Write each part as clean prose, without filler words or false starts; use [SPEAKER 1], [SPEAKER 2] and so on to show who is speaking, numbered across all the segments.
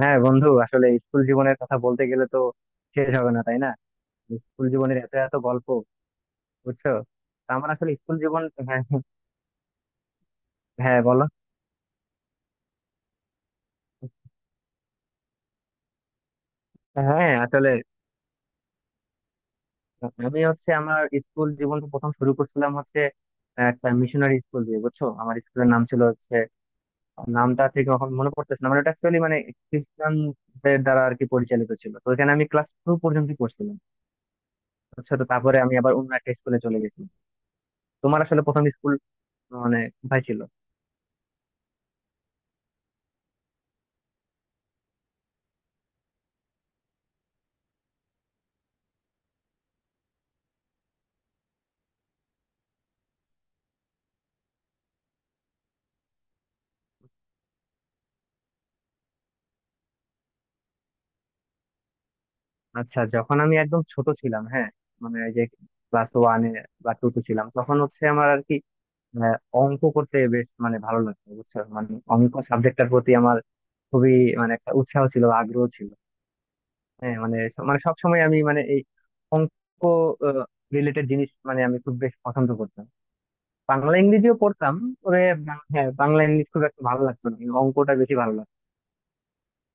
[SPEAKER 1] হ্যাঁ বন্ধু, আসলে স্কুল জীবনের কথা বলতে গেলে তো শেষ হবে না, তাই না? স্কুল জীবনের এত এত গল্প, বুঝছো। তা আমার আসলে স্কুল জীবন, হ্যাঁ। হ্যাঁ, বলো। হ্যাঁ আসলে, আমি হচ্ছে আমার স্কুল জীবন প্রথম শুরু করছিলাম হচ্ছে একটা মিশনারি স্কুল দিয়ে, বুঝছো। আমার স্কুলের নাম ছিল হচ্ছে, নামটা ঠিক এখন মনে পড়তেছে না। মানে এটা অ্যাকচুয়ালি মানে খ্রিস্টানদের দ্বারা আর কি পরিচালিত ছিল। তো ওখানে আমি ক্লাস টু পর্যন্ত পড়ছিলাম, বুঝছো। তো তারপরে আমি আবার অন্য একটা স্কুলে চলে গেছি। তোমার আসলে প্রথম স্কুল মানে কোথায় ছিল? আচ্ছা, যখন আমি একদম ছোট ছিলাম, হ্যাঁ, মানে এই যে ক্লাস ওয়ানে বা টু তে ছিলাম, তখন হচ্ছে আমার আর কি আহ, অঙ্ক করতে বেশ মানে ভালো লাগতো, বুঝছো। মানে অঙ্ক সাবজেক্টটার প্রতি আমার খুবই মানে একটা উৎসাহ ছিল, আগ্রহ ছিল। হ্যাঁ মানে, মানে সব সময় আমি মানে এই অঙ্ক রিলেটেড জিনিস মানে আমি খুব বেশ পছন্দ করতাম। বাংলা ইংরেজিও পড়তাম, তবে হ্যাঁ, বাংলা ইংলিশ খুব একটা ভালো লাগতো না, কিন্তু অঙ্কটা বেশি ভালো লাগতো।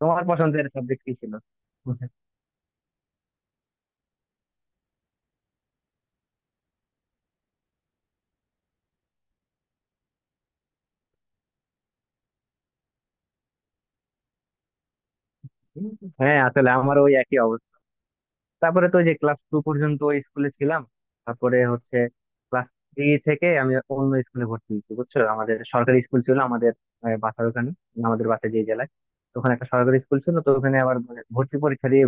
[SPEAKER 1] তোমার পছন্দের সাবজেক্ট কি ছিল? হ্যাঁ আসলে আমার ওই একই অবস্থা। তারপরে তো ওই যে ক্লাস টু পর্যন্ত ওই স্কুলে ছিলাম, তারপরে হচ্ছে ক্লাস থ্রি থেকে আমি অন্য স্কুলে ভর্তি হয়েছি, বুঝছো। আমাদের সরকারি স্কুল ছিল আমাদের বাসার ওখানে, আমাদের বাসায় যে জেলায়। তো ওখানে একটা সরকারি স্কুল ছিল, তো ওখানে আবার মানে ভর্তি পরীক্ষা দিয়ে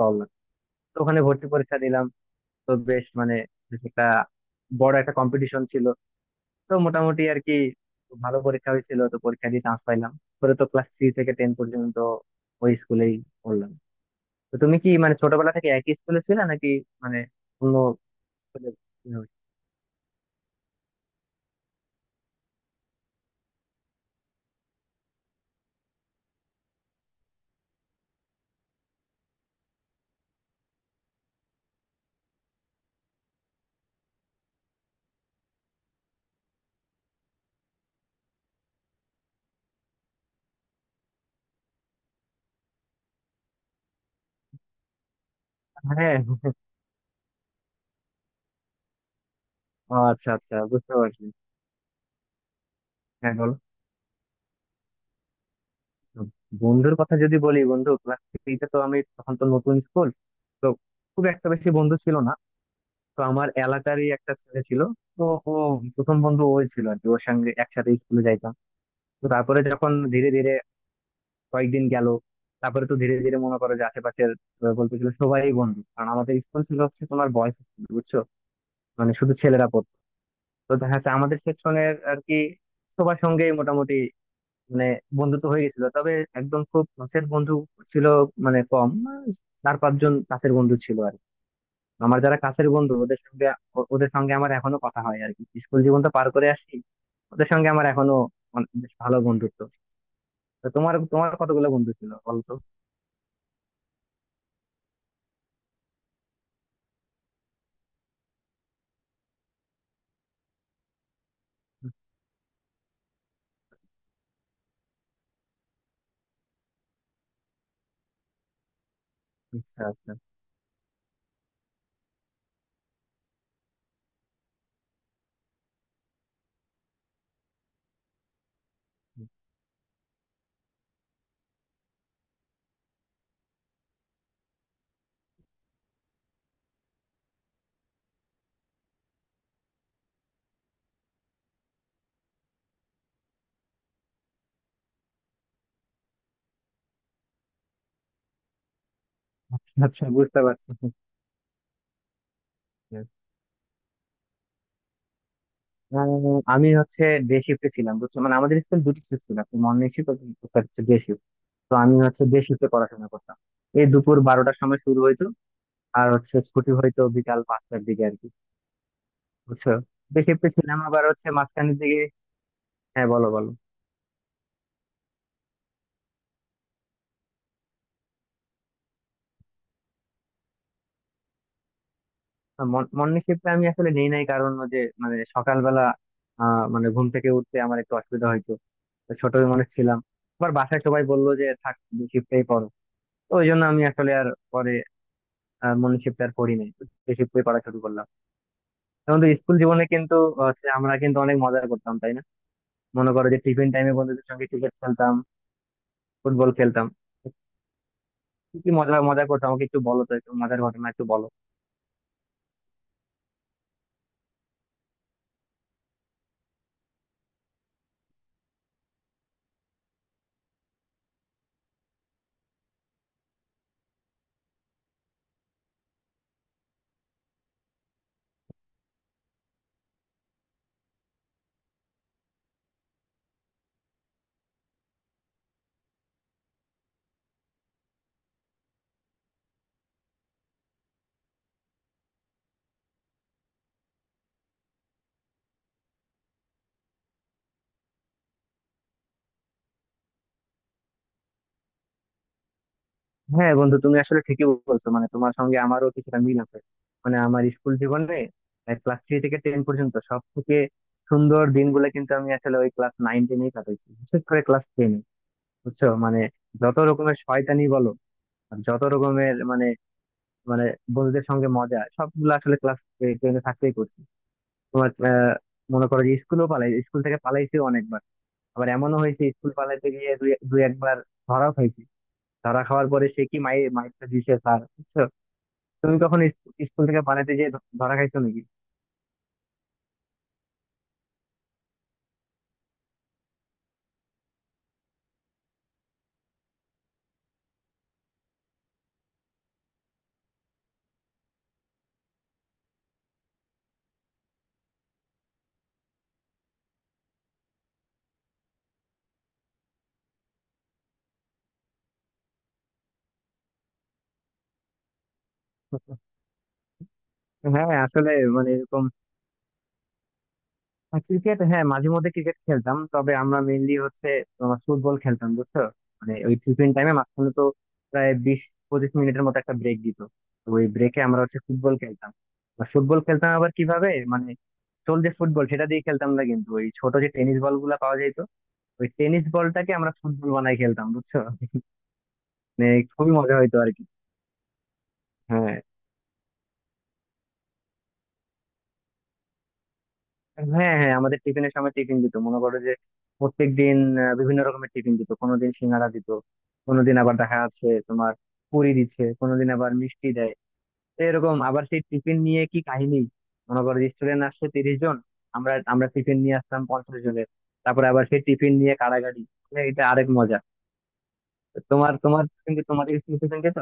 [SPEAKER 1] পাওয়া। তো ওখানে ভর্তি পরীক্ষা দিলাম, তো বেশ মানে বেশ একটা বড় একটা কম্পিটিশন ছিল। তো মোটামুটি আর কি ভালো পরীক্ষা হয়েছিল, তো পরীক্ষা দিয়ে চান্স পাইলাম। পরে তো ক্লাস থ্রি থেকে টেন পর্যন্ত ওই স্কুলেই পড়লাম। তো তুমি কি মানে ছোটবেলা থেকে একই স্কুলে ছিলে, নাকি মানে অন্য school এ ছিলে? হ্যাঁ, ও আচ্ছা আচ্ছা, বুঝতে পারছি। হ্যাঁ বলো। বন্ধুর কথা যদি বলি, বন্ধু ক্লাস থ্রিতে তো আমি তখন তো নতুন স্কুল, তো খুব একটা বেশি বন্ধু ছিল না। তো আমার এলাকারই একটা ছেলে ছিল, তো ও প্রথম বন্ধু ওই ছিল আর কি। ওর সঙ্গে একসাথে স্কুলে যাইতাম। তো তারপরে যখন ধীরে ধীরে কয়েকদিন গেল, তারপরে তো ধীরে ধীরে মনে করো যে আশেপাশের বলতে গেলে সবাই বন্ধু, কারণ আমাদের স্কুল ছিল হচ্ছে তোমার বয়েজ স্কুল, বুঝছো। মানে শুধু ছেলেরা পড়তো। তো দেখা যাচ্ছে আমাদের সেকশনের আর কি সবার সঙ্গেই মোটামুটি মানে বন্ধুত্ব হয়ে গেছিল, তবে একদম খুব কাছের বন্ধু ছিল, মানে কম 4-5 জন কাছের বন্ধু ছিল আর কি। আমার যারা কাছের বন্ধু, ওদের সঙ্গে ওদের সঙ্গে আমার এখনো কথা হয় আর কি। স্কুল জীবন তো পার করে আসি, ওদের সঙ্গে আমার এখনো অনেক বেশ ভালো বন্ধুত্ব। তো তোমার তোমার কতগুলো বন্ধু ছিল বলতো? আচ্ছা আচ্ছা আচ্ছা। আচ্ছা, বুঝতে পারছি। আহ, আমি হচ্ছে ডে শিফটে ছিলাম, বুঝছো। মানে আমাদের স্কুল দুটি শিফট ছিল, একটা মর্নিং শিফট, ডে। তো আমি হচ্ছে দেশিতে পড়াশোনা করতাম, এই দুপুর 12টার সময় শুরু হইতো আর হচ্ছে ছুটি হইতো বিকাল 5টার দিকে আর কি, বুঝছো। ডে শিফটে ছিলাম আবার হচ্ছে মাঝখানের দিকে। হ্যাঁ বলো বলো। তো মর্নিং শিফটে আমি আসলে নেই নাই, কারণ ওই যে মানে সকালবেলা মানে ঘুম থেকে উঠতে আমার একটু অসুবিধা হইতো। তো ছোট মানুষ ছিলাম, আবার বাসায় সবাই বললো যে থাক, শিফটেই পড়ো। তো ওই জন্য আমি আসলে আর পরে মর্নিং শিফটে আর পড়ি নাই, ডে শিফটে পড়া শুরু করলাম। এখন তো স্কুল জীবনে কিন্তু হচ্ছে আমরা কিন্তু অনেক মজা করতাম, তাই না? মনে করো যে টিফিন টাইমে বন্ধুদের সঙ্গে ক্রিকেট খেলতাম, ফুটবল খেলতাম। কি কি মজা মজা করতাম আমাকে একটু বলো তো, একটু মজার ঘটনা একটু বলো। হ্যাঁ বন্ধু, তুমি আসলে ঠিকই বলছো। মানে তোমার সঙ্গে আমারও কিছুটা মিল আছে। মানে আমার স্কুল জীবনে ক্লাস থ্রি থেকে টেন পর্যন্ত সব থেকে সুন্দর দিনগুলো কিন্তু আমি আসলে ওই ক্লাস নাইন টেনেই কাটাইছি, বিশেষ করে ক্লাস টেনে, বুঝছো। মানে যত রকমের শয়তানি বলো আর যত রকমের মানে, মানে বন্ধুদের সঙ্গে মজা সবগুলো আসলে ক্লাস টেনে থাকতেই করছি। তোমার মনে করো যে স্কুলও পালাই, স্কুল থেকে পালাইছি অনেক। আবার এমনও হয়েছে স্কুল পালাতে গিয়ে দুই দুই একবার ধরা খাইছি। ধরা খাওয়ার পরে সে কি মাইরটা দিছে স্যার, বুঝছো। তুমি কখন স্কুল থেকে পালাতে গিয়ে ধরা খাইছো নাকি? হ্যাঁ আসলে মানে এরকম ক্রিকেট, হ্যাঁ, মাঝে মধ্যে ক্রিকেট খেলতাম, তবে আমরা মেইনলি হচ্ছে তোমার ফুটবল খেলতাম, বুঝছো। মানে ওই টিফিন টাইমে মাঝখানে তো প্রায় 20-25 মিনিটের মতো একটা ব্রেক দিত। তো ওই ব্রেকে আমরা হচ্ছে ফুটবল খেলতাম। ফুটবল খেলতাম আবার কিভাবে মানে সোল যে ফুটবল সেটা দিয়ে খেলতাম না, কিন্তু ওই ছোট যে টেনিস বল গুলা পাওয়া যেত, ওই টেনিস বলটাকে আমরা ফুটবল বানাই খেলতাম, বুঝছো। মানে খুবই মজা হইতো আর কি। হ্যাঁ হ্যাঁ, হ্যাঁ আমাদের টিফিনের সময় টিফিন দিত, মনে করো যে প্রত্যেক দিন বিভিন্ন রকমের টিফিন দিত। কোনোদিন সিঙ্গাড়া দিত, কোনোদিন আবার দেখা যাচ্ছে তোমার পুরি দিচ্ছে, কোনোদিন আবার মিষ্টি দেয়। তো এরকম আবার সেই টিফিন নিয়ে কি কাহিনী। মনে করো স্টুডেন্ট আসছে 30 জন, আমরা আমরা টিফিন নিয়ে আসতাম 50 জনের, তারপরে আবার সেই টিফিন নিয়ে কাড়াকাড়ি। মানে এটা আরেক মজা। তো তোমার তোমার টিফিন, তোমার স্কুল টিফিন দিত?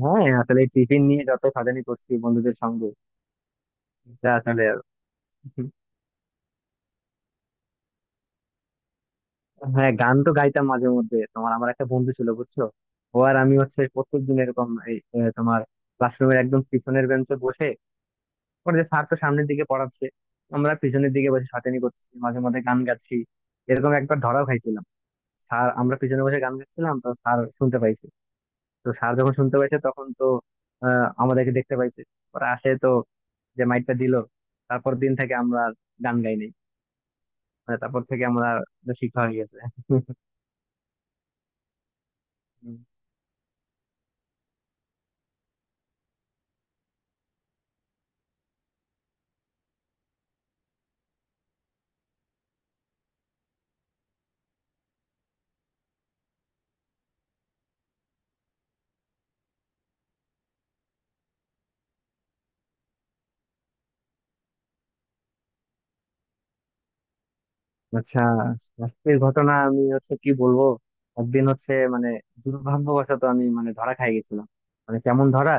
[SPEAKER 1] হ্যাঁ আসলে টিফিন নিয়ে যত সাজানি করছি বন্ধুদের সঙ্গে, এটা আসলে। হ্যাঁ গান তো গাইতাম মাঝে মধ্যে। তোমার আমার একটা বন্ধু ছিল, বুঝছো। ও আর আমি হচ্ছে প্রত্যেকদিন এরকম এই তোমার ক্লাসরুমের একদম পিছনের বেঞ্চে বসে, ওর যে স্যার তো সামনের দিকে পড়াচ্ছে, আমরা পিছনের দিকে বসে সাতেনি করছি, মাঝে মধ্যে গান গাচ্ছি। এরকম একবার ধরাও খাইছিলাম। স্যার, আমরা পিছনে বসে গান গাচ্ছিলাম, তো স্যার শুনতে পাইছে। তো স্যার যখন শুনতে পাইছে তখন তো আমাদেরকে দেখতে পাইছে। ওরা আসে, তো যে মাইকটা দিল, তারপর দিন থেকে আমরা আর গান গাইনি। মানে তারপর থেকে আমরা শিক্ষা হয়ে গেছে। হুম। আচ্ছা, শাস্তির ঘটনা আমি হচ্ছে কি বলবো। একদিন হচ্ছে মানে দুর্ভাগ্যবশত আমি মানে ধরা খাই গেছিলাম। মানে কেমন ধরা,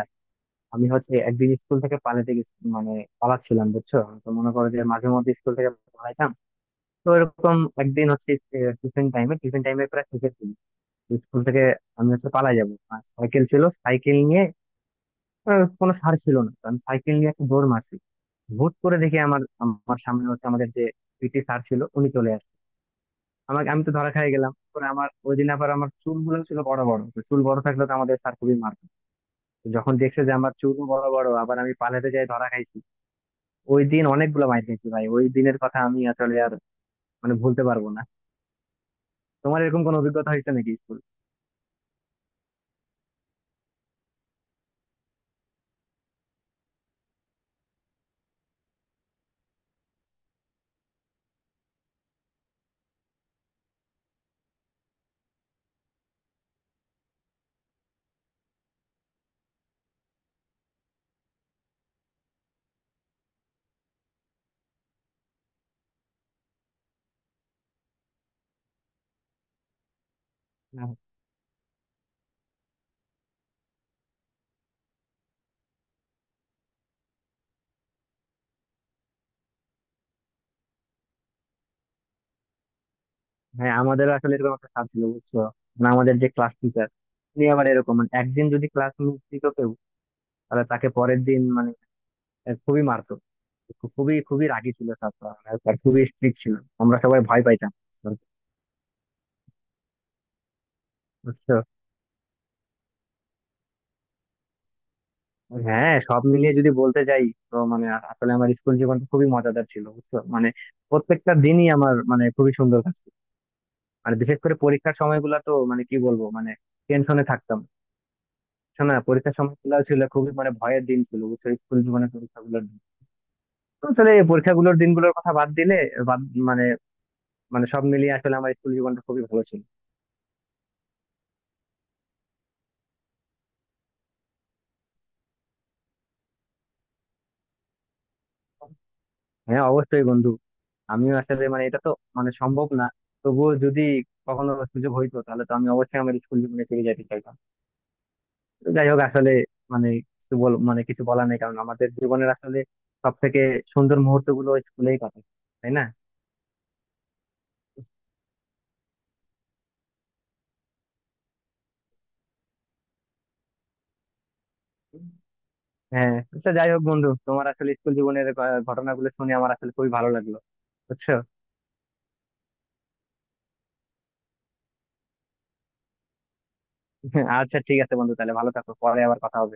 [SPEAKER 1] আমি হচ্ছে একদিন স্কুল থেকে মানে পালাচ্ছিলাম, বুঝছো। তো মনে করো যে মাঝে মধ্যে স্কুল থেকে পালাইতাম। তো এরকম একদিন হচ্ছে টিফিন টাইমে, টিফিন টাইমে প্রায় শিখেছি স্কুল থেকে। আমি হচ্ছে পালাই যাবো, আর সাইকেল ছিল, সাইকেল নিয়ে কোনো সার ছিল না, তো আমি সাইকেল নিয়ে একটা দৌড় মারছি। হুট করে দেখি আমার আমার সামনে হচ্ছে আমাদের যে পিটি স্যার ছিল উনি চলে আসে। আমাকে আমি তো ধরা খেয়ে গেলাম। পরে আমার ওই দিন আবার আমার চুলগুলো ছিল বড় বড়, তো চুল বড় থাকলে তো আমাদের স্যার খুবই মারতো। তো যখন দেখছে যে আমার চুল বড় বড় আবার আমি পালাতে যাই, ধরা খাইছি। ওই দিন অনেকগুলো মাইর খেয়েছি ভাই, ওই দিনের কথা আমি আসলে আর মানে ভুলতে পারবো না। তোমার এরকম কোনো অভিজ্ঞতা হয়েছে নাকি স্কুল? হ্যাঁ আমাদের আসলে এরকম একটা স্যার ছিল, বুঝছো। মানে আমাদের যে ক্লাস টিচার, উনি আবার এরকম মানে একদিন যদি ক্লাস মিস দিত কেউ তাহলে তাকে পরের দিন মানে খুবই মারতো। খুবই খুবই রাগী ছিল স্যারটা, আর আর খুবই স্ট্রিক্ট ছিল। আমরা সবাই ভয় পাইতাম, বুঝছো। হ্যাঁ সব মিলিয়ে যদি বলতে যাই তো মানে আসলে আমার স্কুল জীবনটা খুবই মজাদার ছিল, বুঝছো। মানে প্রত্যেকটা দিনই আমার মানে খুবই সুন্দর কাটছে। মানে বিশেষ করে পরীক্ষার সময়গুলো তো মানে কি বলবো মানে, টেনশনে থাকতাম। শোনা, পরীক্ষার সময়গুলো ছিল খুবই মানে ভয়ের দিন ছিল, বুঝছো। স্কুল জীবনের পরীক্ষাগুলোর দিন, তো আসলে এই পরীক্ষাগুলোর দিনগুলোর কথা বাদ দিলে, বাদ মানে, মানে সব মিলিয়ে আসলে আমার স্কুল জীবনটা খুবই ভালো ছিল। হ্যাঁ অবশ্যই বন্ধু, আমিও আসলে মানে এটা তো মানে সম্ভব না, তবুও যদি কখনো সুযোগ হইতো তাহলে তো আমি অবশ্যই আমার স্কুল জীবনে ফিরে যেতে চাইতাম। তো যাই হোক আসলে মানে কিছু বল মানে কিছু বলার নেই, কারণ আমাদের জীবনের আসলে সব থেকে সুন্দর মুহূর্ত গুলো স্কুলেই কাটে, তাই না? হ্যাঁ, আচ্ছা যাই হোক বন্ধু, তোমার আসলে স্কুল জীবনের ঘটনাগুলো শুনে আমার আসলে খুবই ভালো লাগলো, বুঝছো। আচ্ছা ঠিক আছে বন্ধু, তাহলে ভালো থাকো, পরে আবার কথা হবে।